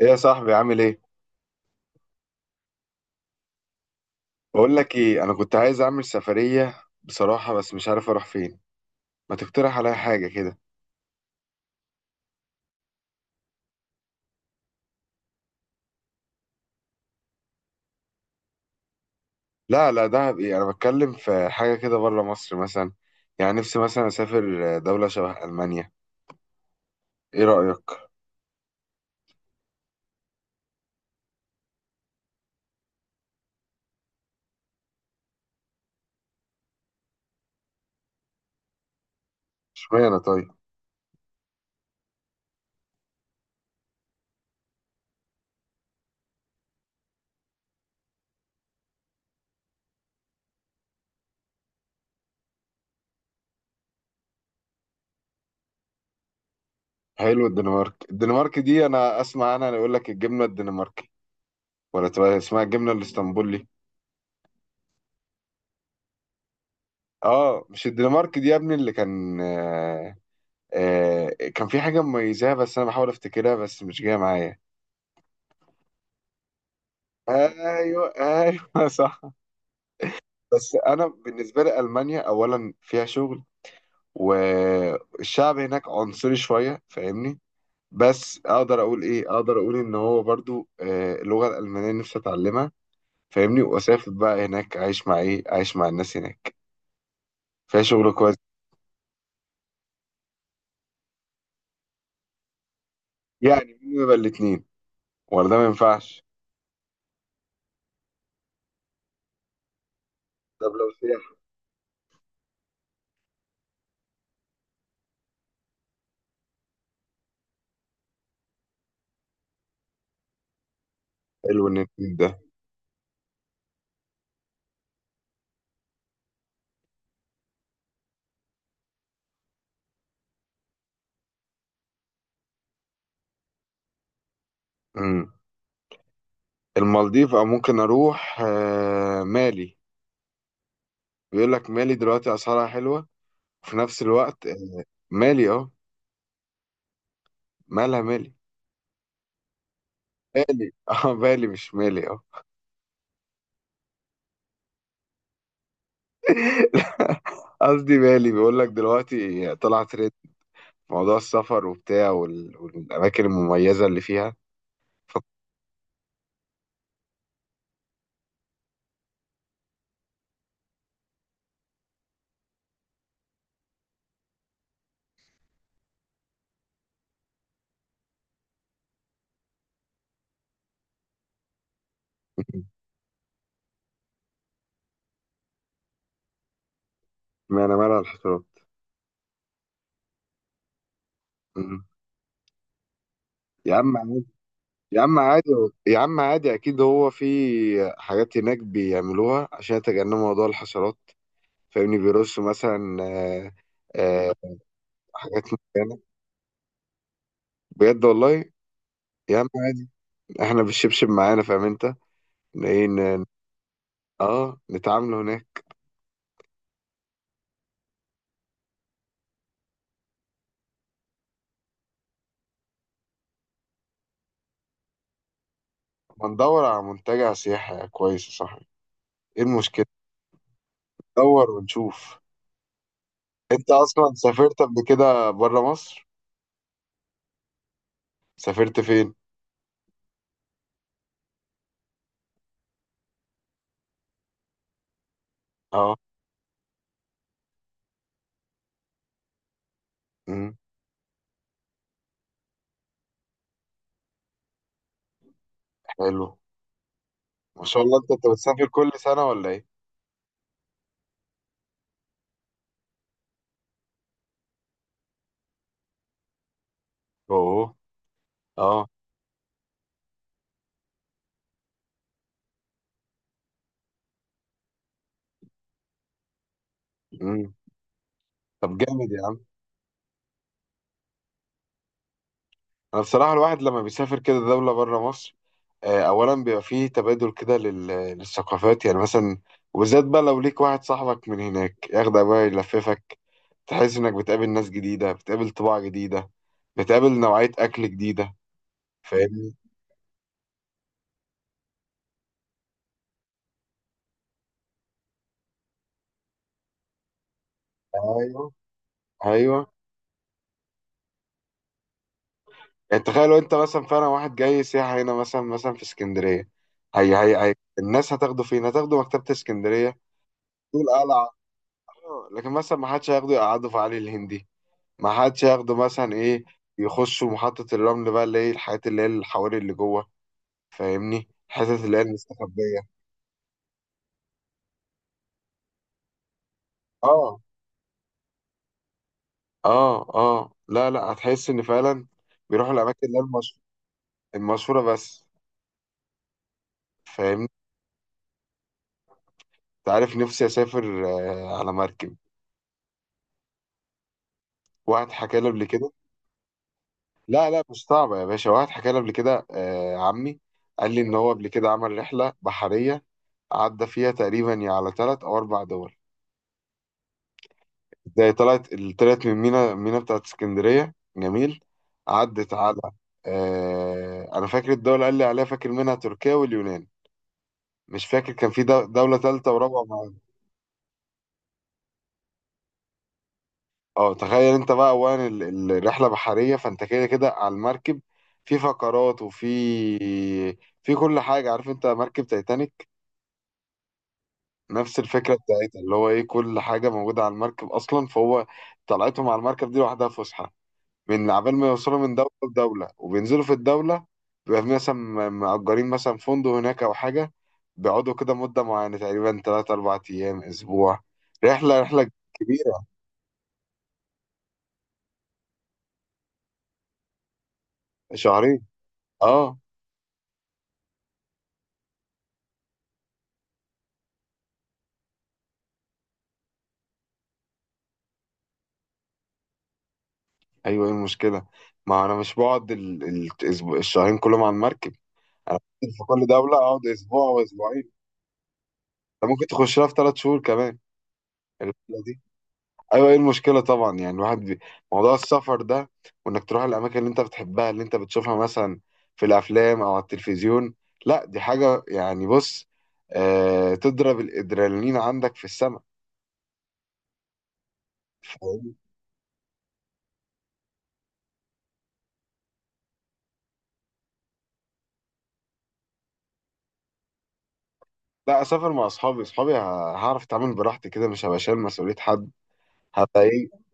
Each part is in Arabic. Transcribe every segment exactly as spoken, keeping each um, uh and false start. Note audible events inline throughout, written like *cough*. ايه يا صاحبي، عامل ايه؟ بقول لك ايه، انا كنت عايز اعمل سفريه بصراحه، بس مش عارف اروح فين. ما تقترح عليا حاجه كده؟ لا، لا، دهب ايه؟ انا بتكلم في حاجه كده بره مصر مثلا. يعني نفسي مثلا اسافر دوله شبه المانيا. ايه رايك؟ اشمعنى طيب؟ حلو. الدنمارك الدنمارك دي انا اسمع عنها، انا يقول لك الجبنه الدنماركي، ولا تبقى اسمها الجبنه الاسطنبولي؟ اه، مش الدنمارك دي يا ابني اللي كان آه آه كان في حاجه مميزاها، بس انا بحاول افتكرها بس مش جايه معايا. ايوه، ايوه، *laughs* صح. بس انا بالنسبه لي المانيا اولا فيها شغل، والشعب هناك عنصري شويه، فاهمني؟ بس اقدر اقول ايه، اقدر اقول ان هو برضو، آه، اللغه الالمانيه نفسي اتعلمها، فاهمني؟ واسافر بقى هناك اعيش مع ايه اعيش مع الناس هناك. فيها شغل كويس. يعني مين يبقى الاتنين، ولا ده ما ينفعش؟ طب لو سياحه؟ حلو ان الاتنين ده. امم. المالديف، او ممكن اروح آه، مالي. بيقول لك مالي دلوقتي اسعارها حلوه، في نفس الوقت. مالي، اه. مالها مالي؟ مالي. *laughs* اه مالي، مش مالي، اه. *laughs* قصدي مالي، بيقول لك دلوقتي طلع ترند موضوع السفر وبتاع وال... والاماكن المميزه اللي فيها. *laughs* ف- ما انا مالها الحشرات. مم. يا عم عادي. يا عم عادي. يا عم عادي، اكيد هو في حاجات هناك بيعملوها عشان يتجنبوا موضوع الحشرات، فاهمني؟ بيرصوا مثلا، آه، آه، حاجات معينه، بجد والله. يا عم عادي، احنا بالشبشب معانا، فاهم انت؟ ايه، اه، نتعامل هناك. ما ندور على منتجع سياحي كويس يا صاحبي، ايه المشكلة؟ ندور ونشوف. انت اصلا سافرت قبل كده بره مصر؟ سافرت فين؟ اه. امم. حلو. ما شاء الله، انت، انت بتسافر كل سنة ولا ايه؟ اوه. اه. امم. طب جامد يا عم. انا بصراحه الواحد لما بيسافر كده دوله بره مصر، آه، اولا بيبقى فيه تبادل كده، لل- للثقافات، يعني مثلا. وبالذات بقى لو ليك واحد صاحبك من هناك، ياخدك بقى يلففك، تحس انك بتقابل ناس جديده، بتقابل طباع جديده، بتقابل نوعيه اكل جديده، فاهمني؟ ايوه، ايوه. يعني تخيل لو انت مثلا فعلا واحد جاي سياحه هنا مثلا، مثلا في اسكندريه، هي هي هي الناس هتاخده فين؟ هتاخده مكتبه اسكندريه، دول قلعه، آه، لكن مثلا ما حدش هياخده يقعده في علي الهندي، ما حدش ياخده مثلا ايه، يخشوا محطة الرمل بقى، اللي هي الحاجات اللي هي الحواري اللي جوه، فاهمني؟ الحتت اللي هي المستخبية. اه، اه، اه. لا، لا، هتحس ان فعلا بيروحوا الاماكن اللي هي المش- المشهورة بس، فاهمني؟ انت عارف، نفسي اسافر آه على مركب. واحد حكى لي قبل كده. لا، لا، مش صعبة يا باشا. واحد حكى لي قبل كده، آه عمي، قال لي ان هو قبل كده عمل رحلة بحرية، عدى فيها تقريبا يا على ثلاث او اربع دول. زي طلعت، طلعت من مينا، مينا بتاعت اسكندرية جميل، عدت على، آه أنا فاكر الدولة قال لي عليها، فاكر منها تركيا واليونان، مش فاكر كان في دو- دولة ثالثة ورابعة معانا. اه، تخيل انت بقى اولا ال- ال- الرحلة بحرية، فانت كده كده على المركب، في فقرات وفي، في كل حاجة. عارف انت مركب تايتانيك؟ نفس الفكرة بتاعتها، اللي هو ايه، كل حاجة موجودة على المركب اصلا، فهو طلعتهم على المركب دي لوحدها فسحة. من عبال ما يوصلوا من دولة لدولة، وبينزلوا في الدولة، بيبقى في مثلا م- مأجرين مثلا فندق هناك أو حاجة، بيقعدوا كده مدة معينة، تقريبا تلات أربع أيام، أسبوع، رحلة رحلة كبيرة. شهرين. أه. أيوه، إيه المشكلة؟ ما أنا مش بقعد ال... ال... الأسبوع- الشهرين كلهم على المركب. أنا بنزل في كل دولة أقعد أسبوع أو أسبوعين. أنت ممكن تخش لها في تلات شهور كمان الرحلة دي. ايوه، ايه المشكله طبعا. يعني الواحد بي... موضوع السفر ده، وانك تروح الاماكن اللي انت بتحبها، اللي انت بتشوفها مثلا في الافلام او على التلفزيون، لا دي حاجه يعني، بص، آه تضرب الادرينالين عندك في السماء. فاهم؟ لا، اسافر مع اصحابي. اصحابي ه- هعرف اتعامل براحتي كده، مش هبقى شايل مسؤوليه حد، هبقى ايه.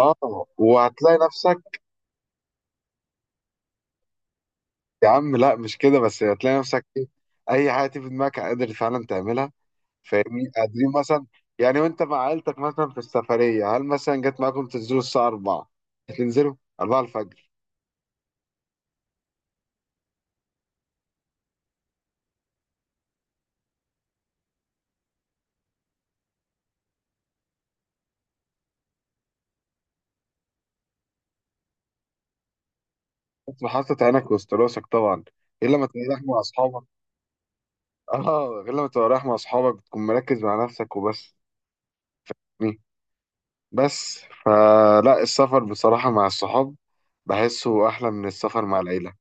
اه، وهتلاقي نفسك. يا عم لا، مش كده بس، هتلاقي نفسك ايه، اي حاجه تيجي في دماغك قادر فعلا تعملها، فاهمني؟ قادرين مثلا. يعني وانت مع عيلتك مثلا في السفريه، هل مثلا جت معاكم تنزلوا الساعه أربعة؟ تنزلوا أربعة الفجر؟ انت حاطط عينك وسط راسك طبعا، غير لما تبقى رايح مع اصحابك. اه، غير لما تبقى رايح مع اصحابك بتكون مركز مع نفسك وبس. مي. بس. فلا، السفر بصراحه مع الصحاب بحسه احلى من السفر مع العيله.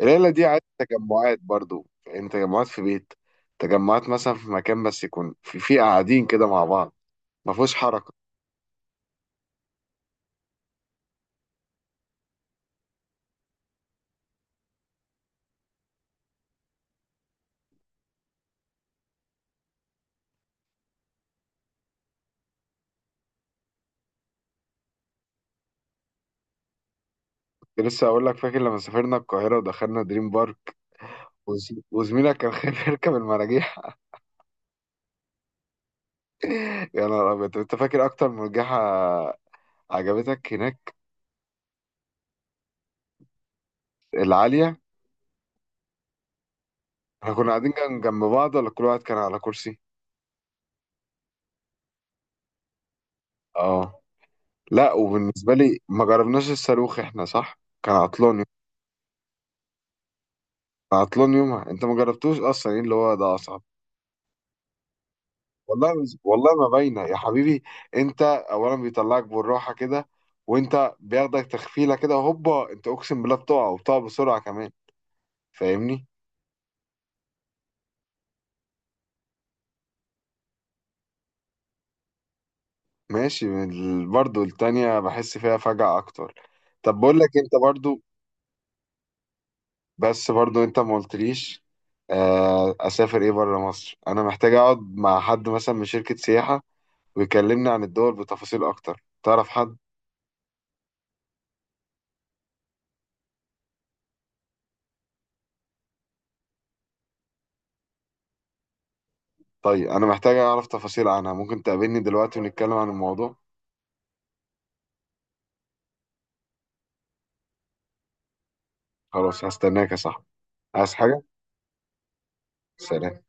العيله دي عايزه تجمعات برضو، يعني تجمعات في بيت، تجمعات مثلا في مكان، بس يكون في في قاعدين كده مع بعض، ما فيهوش حركه. لسه هقول لك، فاكر لما سافرنا القاهرة ودخلنا دريم بارك، وز- وزميلك كان خايف يركب المراجيح؟ *laughs* يا نهار أبيض. طب أنت فاكر أكتر مرجحة عجبتك هناك؟ العالية؟ إحنا كنا قاعدين جن- جنب بعض، ولا كل واحد كان على كرسي؟ آه. لا، وبالنسبة لي ما جربناش الصاروخ إحنا، صح؟ كان عطلان يوم، كان عطلان يومها، أنت ما جربتوش أصلا إيه اللي هو ده أصعب. والله مش والله، ما باينه يا حبيبي. انت اولا بيطلعك بالراحه كده، وانت بياخدك تخفيله كده هوبا، انت اقسم بالله بتقع، وبتقع بسرعه كمان، فاهمني؟ ماشي. من ال- برضو التانية بحس فيها فجعه اكتر. طب بقول لك انت برضو، بس برضو انت ما قلتليش، آه، اسافر ايه بره مصر؟ انا محتاج اقعد مع حد مثلا من شركه سياحه ويكلمني عن الدول بتفاصيل اكتر. تعرف حد؟ طيب انا محتاج اعرف تفاصيل عنها، ممكن تقابلني دلوقتي ونتكلم عن الموضوع؟ خلاص، هستناك يا صاحبي. عايز حاجة؟ سلام.